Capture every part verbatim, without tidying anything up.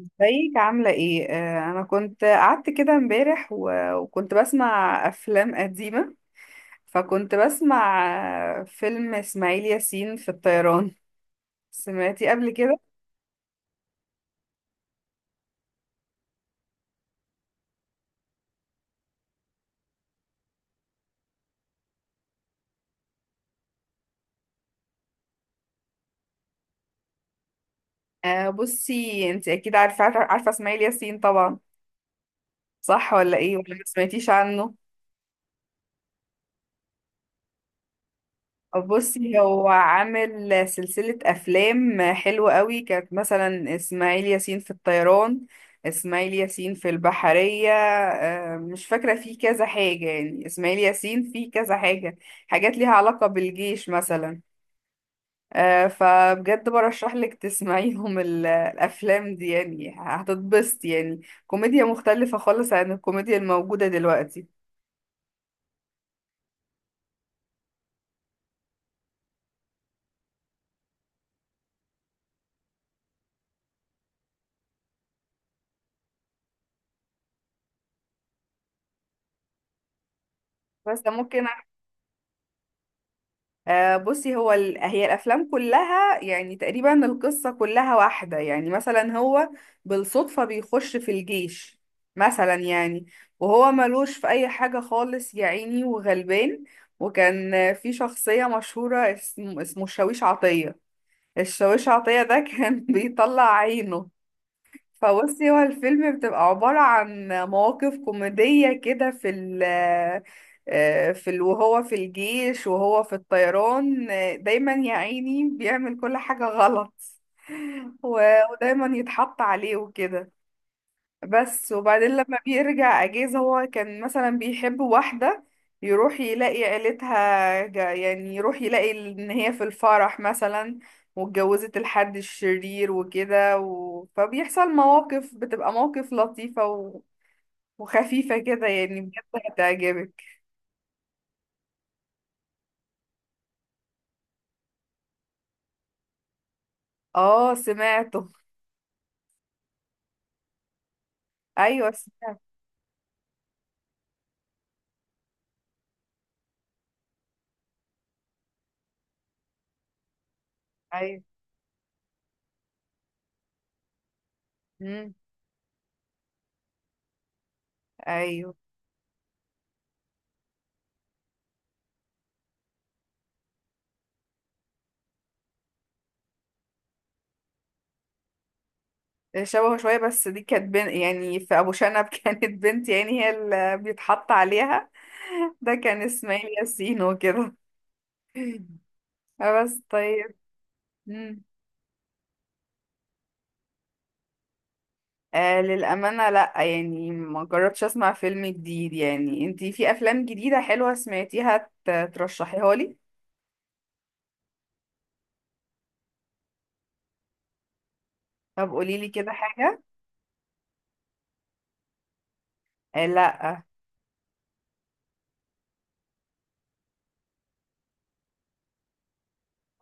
ازيك عاملة ايه؟ آه، انا كنت قعدت كده امبارح و- وكنت بسمع افلام قديمة. فكنت بسمع آه، فيلم اسماعيل ياسين في الطيران. سمعتي قبل كده؟ آه، بصي، انت اكيد عارفة عارفة اسماعيل ياسين طبعا، صح ولا ايه ولا ما سمعتيش عنه؟ بصي، هو عامل سلسلة أفلام حلوة قوي. كانت مثلا إسماعيل ياسين في الطيران، إسماعيل ياسين في البحرية. آه، مش فاكرة، فيه كذا حاجة يعني، إسماعيل ياسين فيه كذا حاجة، حاجات ليها علاقة بالجيش مثلا. آه، فبجد برشح لك تسمعيهم ال- الأفلام دي، يعني هتتبسط، يعني كوميديا مختلفة خالص عن الكوميديا الموجودة دلوقتي. بس ممكن. آه، بصي، هو ال... هي الافلام كلها يعني تقريبا القصه كلها واحده، يعني مثلا هو بالصدفه بيخش في الجيش مثلا يعني، وهو ملوش في اي حاجه خالص، يا عيني وغلبان. وكان آه، في شخصيه مشهوره اسم... اسمه الشاويش عطيه. الشاويش عطيه ده كان بيطلع عينه. فبصي، هو الفيلم بتبقى عبارة عن مواقف كوميدية كده في ال آه، في ال وهو في الجيش وهو في الطيران. آه، دايما يا عيني بيعمل كل حاجة غلط، و- ودايما يتحط عليه وكده. بس وبعدين لما بيرجع اجازة هو كان مثلا بيحب واحدة، يروح يلاقي عيلتها جا- يعني يروح يلاقي ان هي في الفرح مثلا واتجوزت الحد الشرير وكده و... فبيحصل مواقف، بتبقى مواقف لطيفة و... وخفيفة كده، يعني بجد هتعجبك. اه سمعته. ايوه سمعت. ايوه. امم. ايوه. شبهه شوية، بس دي كانت بنت يعني، في أبو شنب كانت بنت يعني، هي اللي بيتحط عليها. ده كان إسماعيل ياسين وكده. آه بس طيب. مم. آه، للأمانة لأ، يعني ما جربتش أسمع فيلم جديد. يعني انتي في أفلام جديدة حلوة سمعتيها ت- ترشحيها لي؟ طب قوليلي كده حاجة. آه لأ.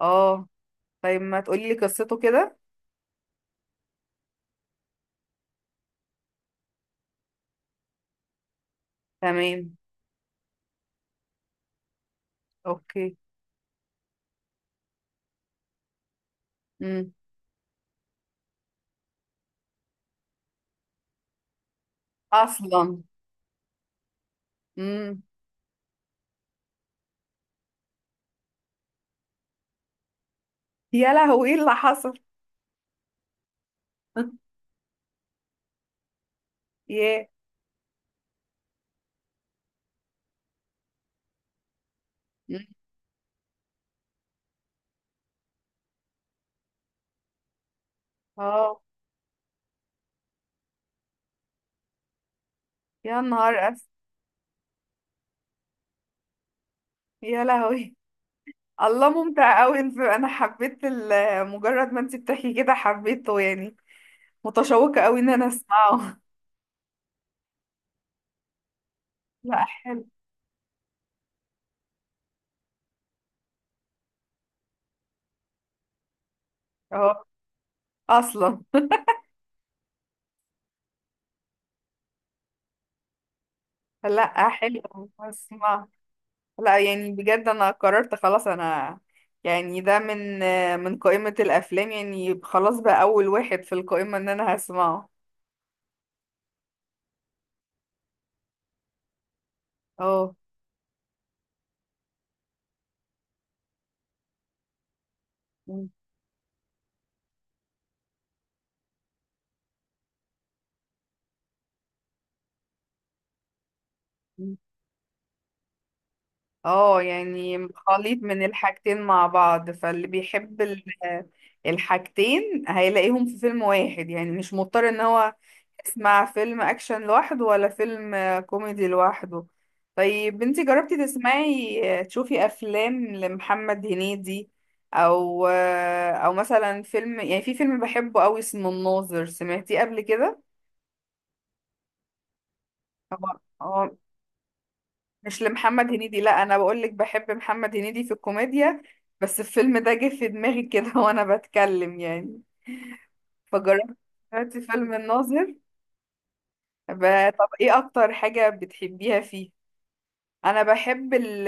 اه طيب، ما تقوليلي قصته كده. تمام. اوكي. مم. أصلا. مم. يا لهوي، ايه اللي حصل؟ ياه. اه. يا نهار أسود. يا لهوي. الله، ممتع قوي! انت، انا حبيت ال- مجرد ما انت بتحكي كده حبيته يعني. متشوقة قوي ان انا اسمعه. لا حلو. اه. اصلا. لا حلو. اسمع، لا يعني بجد، انا قررت خلاص. انا يعني ده من من قائمة الافلام، يعني خلاص بقى اول واحد في القائمة ان انا هسمعه. اه. اه، يعني خليط من الحاجتين مع بعض، فاللي بيحب ال- الحاجتين هيلاقيهم في فيلم واحد، يعني مش مضطر ان هو يسمع فيلم اكشن لوحده ولا فيلم كوميدي لوحده. طيب بنتي، جربتي تسمعي تشوفي افلام لمحمد هنيدي، او او مثلا فيلم، يعني في فيلم بحبه قوي اسمه الناظر، سمعتيه قبل كده؟ هو مش لمحمد هنيدي، لا انا بقول لك بحب محمد هنيدي في الكوميديا، بس الفيلم ده جه في دماغي كده وانا بتكلم يعني. فجربت. دلوقتي فيلم الناظر، ب- طب ايه اكتر حاجة بتحبيها فيه؟ انا بحب ال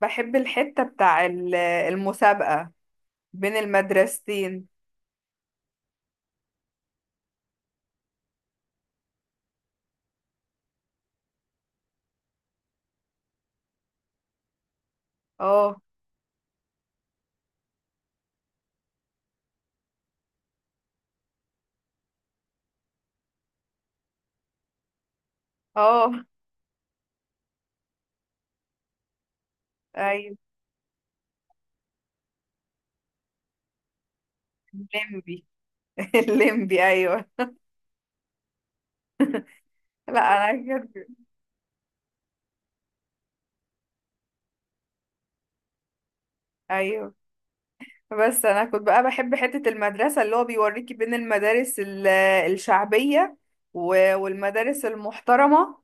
بحب الحتة بتاع ال- المسابقة بين المدرستين. اه. اه ايوه، الليمبي الليمبي، ايوه. لا انا كده. ايوه. بس انا كنت بقى بحب حتة المدرسة اللي هو بيوريكي بين المدارس ال- الشعبية و- والمدارس المحترمة.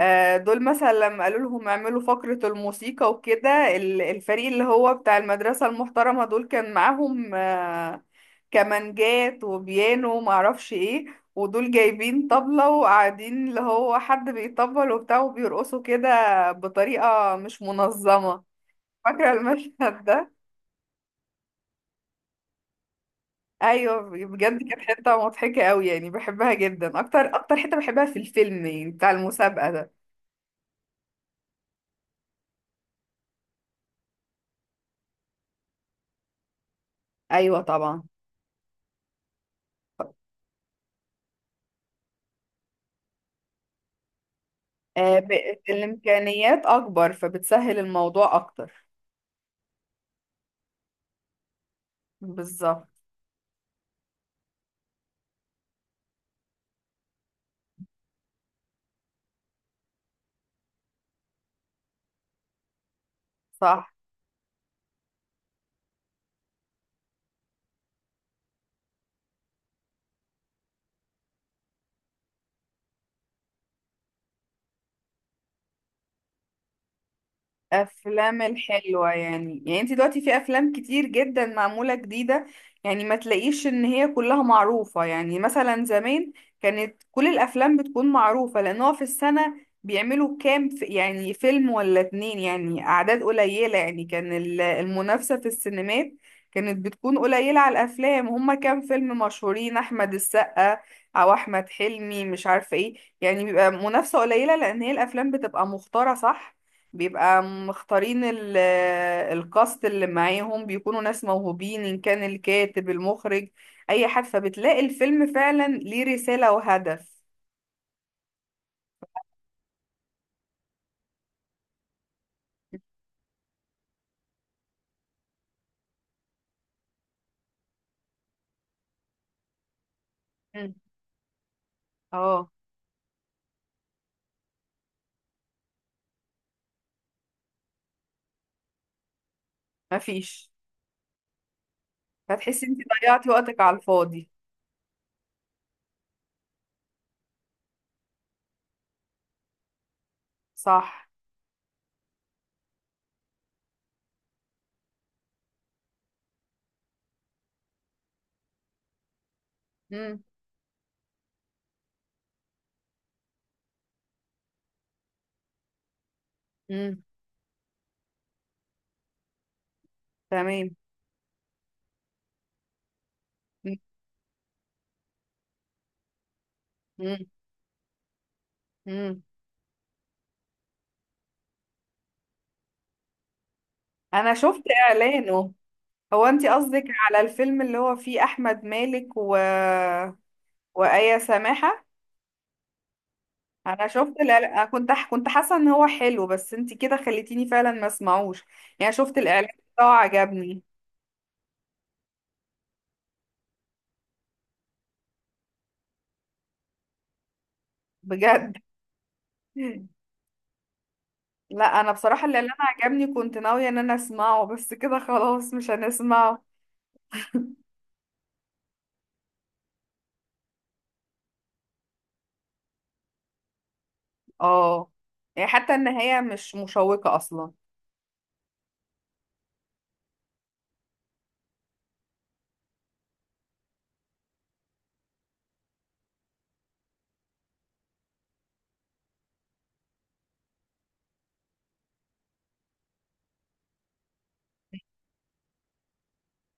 آه، دول مثلا لما قالوا لهم اعملوا فقرة الموسيقى وكده، ال- الفريق اللي هو بتاع المدرسة المحترمة دول كان معاهم آه، كمانجات وبيانو ومعرفش ايه، ودول جايبين طبلة وقاعدين، اللي هو حد بيطبل وبتاع وبيرقصوا كده بطريقة مش منظمة. فاكرة المشهد ده؟ ايوه بجد، كانت حته مضحكه قوي يعني، بحبها جدا، اكتر اكتر حته بحبها في الفيلم، يعني بتاع المسابقه ده. ايوه طبعا. آه ب... الامكانيات اكبر فبتسهل الموضوع اكتر. بالظبط. صح. افلام الحلوه يعني يعني انت دلوقتي في افلام كتير جدا معموله جديده، يعني ما تلاقيش ان هي كلها معروفه. يعني مثلا زمان كانت كل الافلام بتكون معروفه، لان هو في السنه بيعملوا كام ف- يعني فيلم ولا اتنين يعني، اعداد قليله يعني. كان ال- المنافسه في السينمات كانت بتكون قليله على الافلام، هما كام فيلم مشهورين، احمد السقا او احمد حلمي مش عارفه ايه. يعني بيبقى منافسه قليله، لان هي الافلام بتبقى مختاره، صح، بيبقى مختارين ال- الكاست اللي معاهم بيكونوا ناس موهوبين، إن كان الكاتب، المخرج، أي حد، فبتلاقي الفيلم فعلا ليه رسالة وهدف. مم. اه. مفيش. فتحسي انت ضيعتي وقتك على الفاضي. صح. مم. مم. تمام. مم. مم. مم. انا شفت اعلانه. هو انت قصدك على الفيلم اللي هو فيه احمد مالك و... وآية سماحة؟ انا شفت الإعلان، كنت كنت حاسه ان هو حلو، بس انت كده خليتيني فعلا ما اسمعوش. يعني شفت الاعلان بتاعه عجبني بجد. لا انا بصراحه الاعلان عجبني، كنت ناويه ان انا اسمعه، بس كده خلاص مش هنسمعه. اه يعني حتى النهايه مش مشوقه اصلا.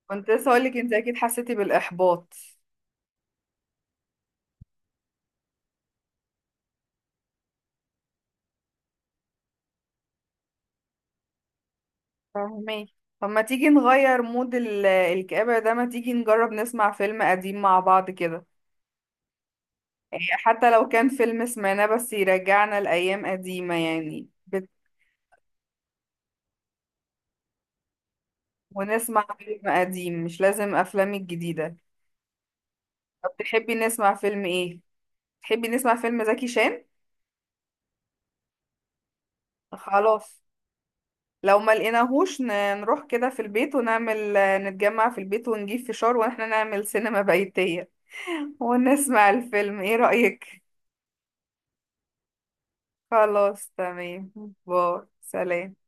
كنت لسه اقول لك انت اكيد حسيتي بالاحباط. فاهمين. طب ما تيجي نغير مود ال- الكآبة ده؟ ما تيجي نجرب نسمع فيلم قديم مع بعض كده؟ حتى لو كان فيلم سمعناه بس يرجعنا لأيام قديمة، يعني بت... ونسمع فيلم قديم مش لازم أفلام الجديدة. طب تحبي نسمع فيلم إيه؟ تحبي نسمع فيلم زكي شان؟ خلاص. لو ما لقيناهوش ن... نروح كده في البيت ونعمل، نتجمع في البيت ونجيب فشار واحنا نعمل سينما بيتية ونسمع الفيلم. إيه رأيك؟ خلاص تمام. باي، سلام.